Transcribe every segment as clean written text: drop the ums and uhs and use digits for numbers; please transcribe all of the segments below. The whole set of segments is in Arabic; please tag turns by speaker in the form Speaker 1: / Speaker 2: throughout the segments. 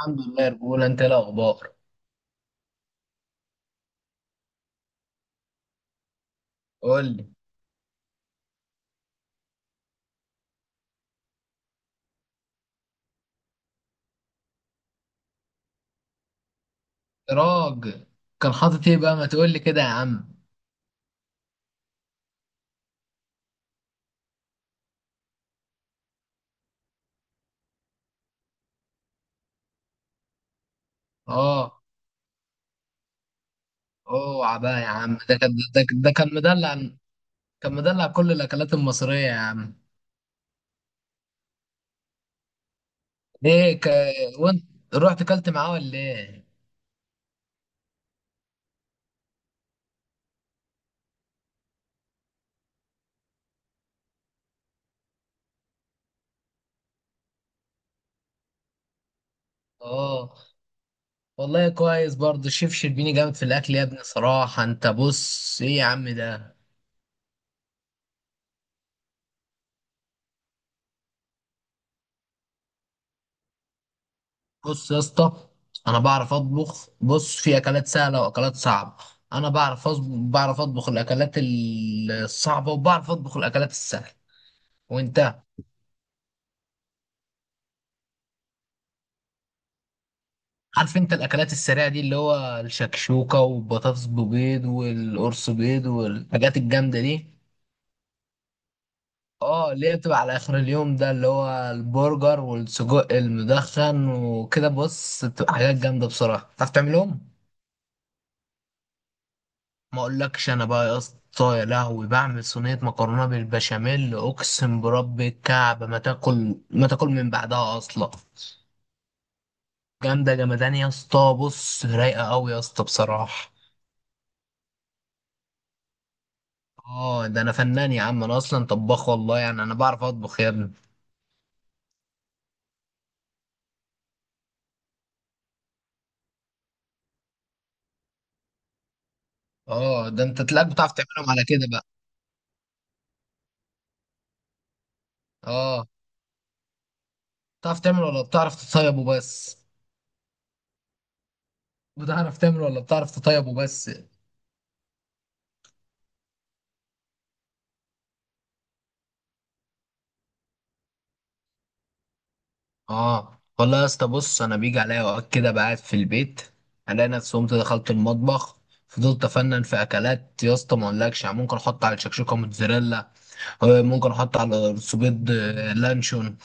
Speaker 1: الحمد لله يا رجولة، انت ايه الاخبار؟ قول لي. راجل، كان حاطط ايه بقى؟ ما تقول لي كده يا عم. اه، اوعى بقى يا عم، ده كان، ده كان مدلع. كان مدلع كل الاكلات المصرية يا عم. ليه وانت رحت اكلت معاه ولا ايه؟ اه والله، كويس برضه الشيف شربيني، جامد في الاكل يا ابني صراحة. انت بص ايه يا عم ده، بص يا اسطى، انا بعرف اطبخ. بص، في اكلات سهله واكلات صعبه. انا بعرف بعرف اطبخ الاكلات الصعبه، وبعرف اطبخ الاكلات السهله. وانت عارف، انت الاكلات السريعه دي اللي هو الشكشوكه والبطاطس ببيض والقرص بيض والحاجات الجامده دي. اه، اللي هي بتبقى على اخر اليوم، ده اللي هو البرجر والسجق المدخن وكده. بص، بتبقى حاجات جامده بصراحه، تعرف تعملهم. ما اقولكش انا بقى يا اسطى، يا لهوي، بعمل صينيه مكرونه بالبشاميل اقسم برب الكعب ما تاكل ما تاكل من بعدها اصلا. جامده جمدان يا اسطى، بص رايقه قوي يا اسطى بصراحه. اه، ده انا فنان يا عم، انا اصلا طباخ والله، يعني انا بعرف اطبخ يا ابني. اه، ده انت تلاقيك بتعرف تعملهم على كده بقى. اه، بتعرف تعمل ولا بتعرف تطيب وبس؟ بتعرف تعمل ولا بتعرف تطيب وبس؟ اه والله يا اسطى. بص، انا بيجي عليا اوقات كده بقعد في البيت، الاقي نفسي قمت دخلت المطبخ، فضلت افنن في اكلات يا اسطى. ما اقولكش، يعني ممكن احط على الشكشوكه موتزاريلا. ممكن احط على رز بيض لانشون.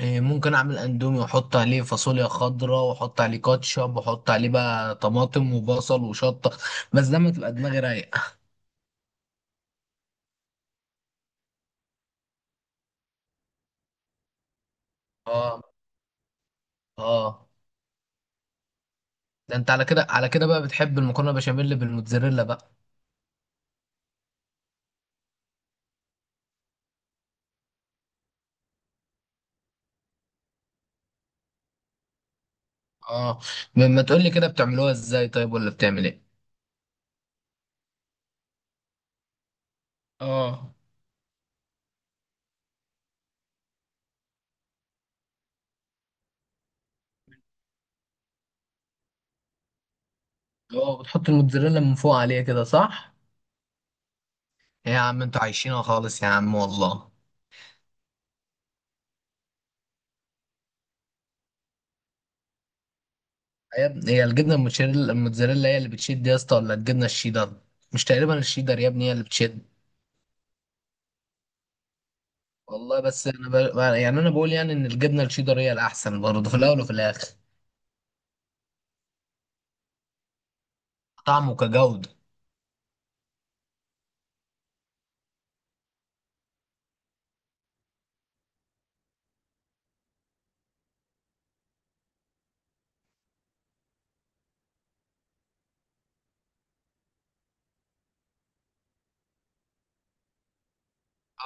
Speaker 1: ممكن اعمل اندومي واحط عليه فاصوليا خضراء، واحط عليه كاتشب، واحط عليه بقى طماطم وبصل وشطه. بس ده ما تبقى دماغي رايقه. اه. اه، ده انت على كده، على كده بقى بتحب المكرونه بشاميل بالموتزاريلا بقى. اه، ما تقولي كده، بتعملوها ازاي طيب ولا بتعمل ايه؟ اه. اه، بتحط الموتزاريلا من فوق عليها كده، صح؟ إيه يا عم، انتوا عايشينها خالص يا عم والله. يا ابني، هي الجبنه الموتشاريلا الموتزاريلا هي اللي بتشد يا اسطى ولا الجبنه الشيدر؟ مش تقريبا الشيدر يا ابني هي اللي بتشد؟ والله بس انا يعني انا بقول يعني ان الجبنه الشيدر هي الاحسن برضه في الاول وفي الاخر. طعم وكجودة.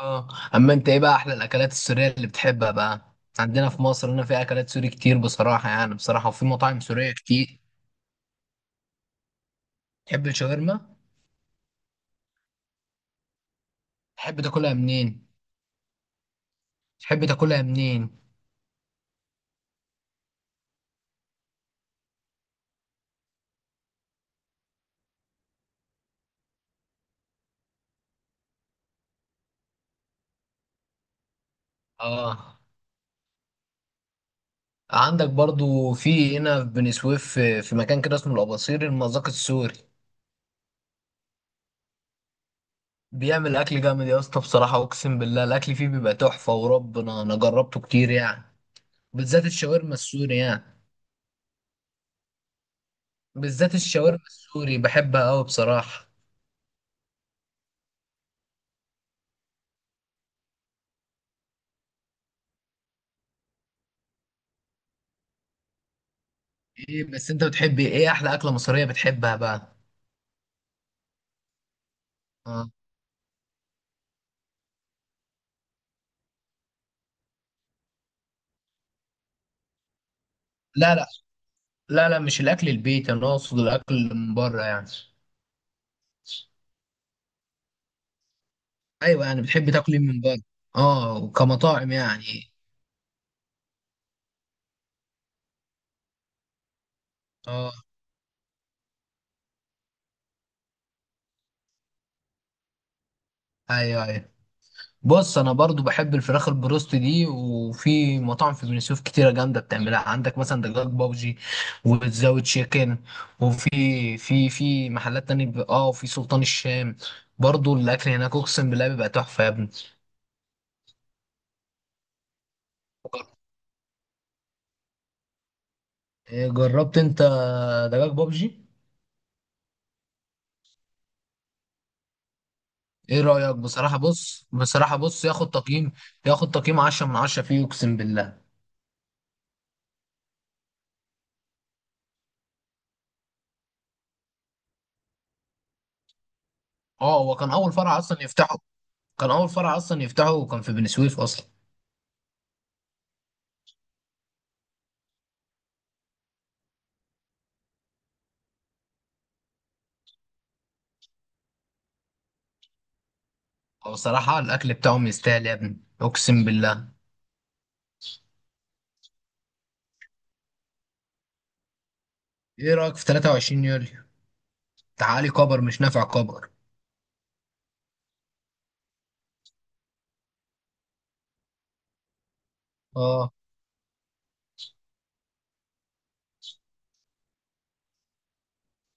Speaker 1: اه، اما انت ايه بقى احلى الاكلات السوريه اللي بتحبها بقى؟ عندنا في مصر هنا في اكلات سوري كتير بصراحه، يعني بصراحه، وفي مطاعم سوريه كتير. تحب الشاورما؟ تحب تاكلها منين؟ تحب تاكلها منين؟ اه. عندك برضو في هنا في بني سويف، في في مكان كده اسمه الأباصيري المذاق السوري. بيعمل أكل جامد يا اسطى بصراحة، أقسم بالله الأكل فيه بيبقى تحفة وربنا، أنا جربته كتير يعني. بالذات الشاورما السوري يعني. بالذات الشاورما السوري بحبها أوي بصراحة. إيه بس أنت بتحبي إيه، إيه أحلى أكلة مصرية بتحبها بقى؟ آه. لا لا، لا لا، مش الأكل البيت، أنا أقصد الأكل اللي من بره يعني. أيوه يعني بتحبي تاكلي من بره، أه كمطاعم يعني. أه، أيوه أيوه. بص انا برضو بحب الفراخ البروست دي، وفي مطاعم في بني سويف كتيره جامده بتعملها، عندك مثلا دجاج بابجي وتزاوي تشيكن، وفي في محلات تانية اه، وفي سلطان الشام برضو الاكل هناك اقسم بالله بيبقى تحفه يا ابني. إيه، جربت انت دجاج بابجي؟ ايه رايك بصراحه بص ياخد تقييم 10 من 10 فيه اقسم بالله. اه هو كان اول فرع اصلا يفتحه. كان اول فرع اصلا يفتحه وكان في بني سويف اصلا. هو صراحة الأكل بتاعهم يستاهل يا ابني أقسم بالله. إيه رأيك في 23 يوليو؟ تعالي كبر، مش نافع كبر. آه.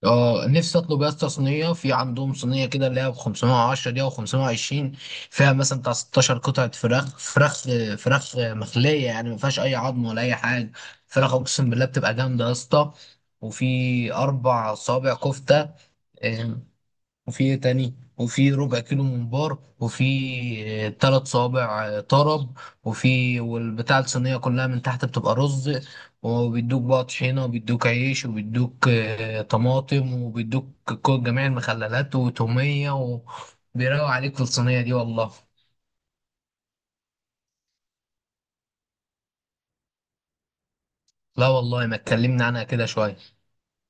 Speaker 1: آه، نفسي أطلب يا اسطى صينية، في عندهم صينية كده اللي هي ب 510 دي أو 520. فيها مثلا بتاع 16 قطعة فراخ مخلية، يعني ما فيهاش أي عظم ولا أي حاجة. فراخ أقسم بالله بتبقى جامدة يا اسطى. وفي أربع صوابع كفتة، آه، وفي إيه تاني، وفي ربع كيلو ممبار، وفي ثلاث صوابع طرب. وفي والبتاع الصينية كلها من تحت بتبقى رز، وبيدوك بقى طحينة، وبيدوك عيش، وبيدوك طماطم، وبيدوك كل جميع المخللات وتومية، وبيروق عليك في الصينية دي والله. لا والله، ما اتكلمنا عنها كده شوية،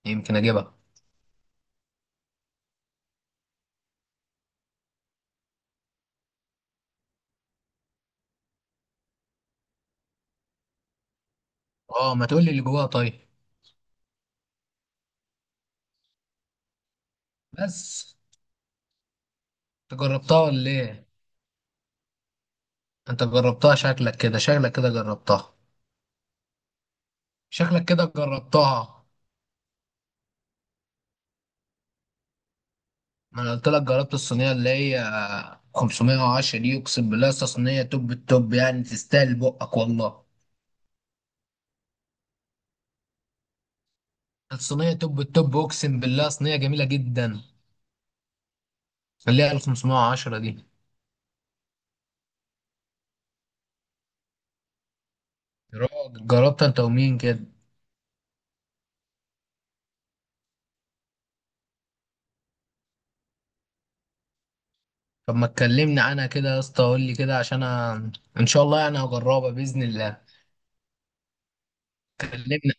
Speaker 1: يمكن اجيبها. اه، ما تقولي اللي جواها طيب. بس. انت جربتها ولا ايه؟ انت جربتها، شكلك كده، شكلك كده جربتها، شكلك كده جربتها. ما انا قلت لك جربت الصينيه اللي هي 510 دي اقسم بالله. أصل صينيه توب التوب يعني، تستاهل بقك والله. الصينيه توب التوب اقسم بالله، صينيه جميله جدا، اللي هي ال 510 دي. يا راجل، جربت انت ومين كده؟ طب ما تكلمني عنها كده يا اسطى، قول لي كده عشان ان شاء الله يعني هجربها باذن الله. كلمني.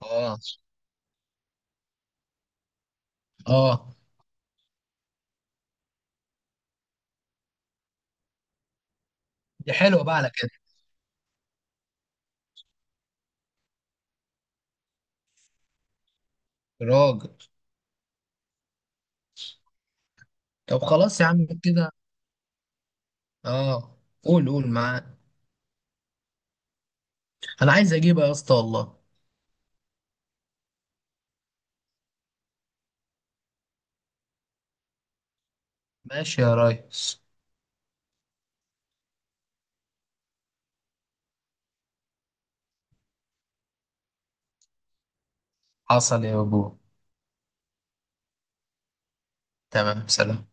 Speaker 1: اه. اه، دي حلوه بقى على كده. يا راجل. طب خلاص يا عم كده. اه. قول معاك. انا عايز اجيبها يا اسطى والله. ماشي يا ريس. حصل يا بابو. تمام سلام.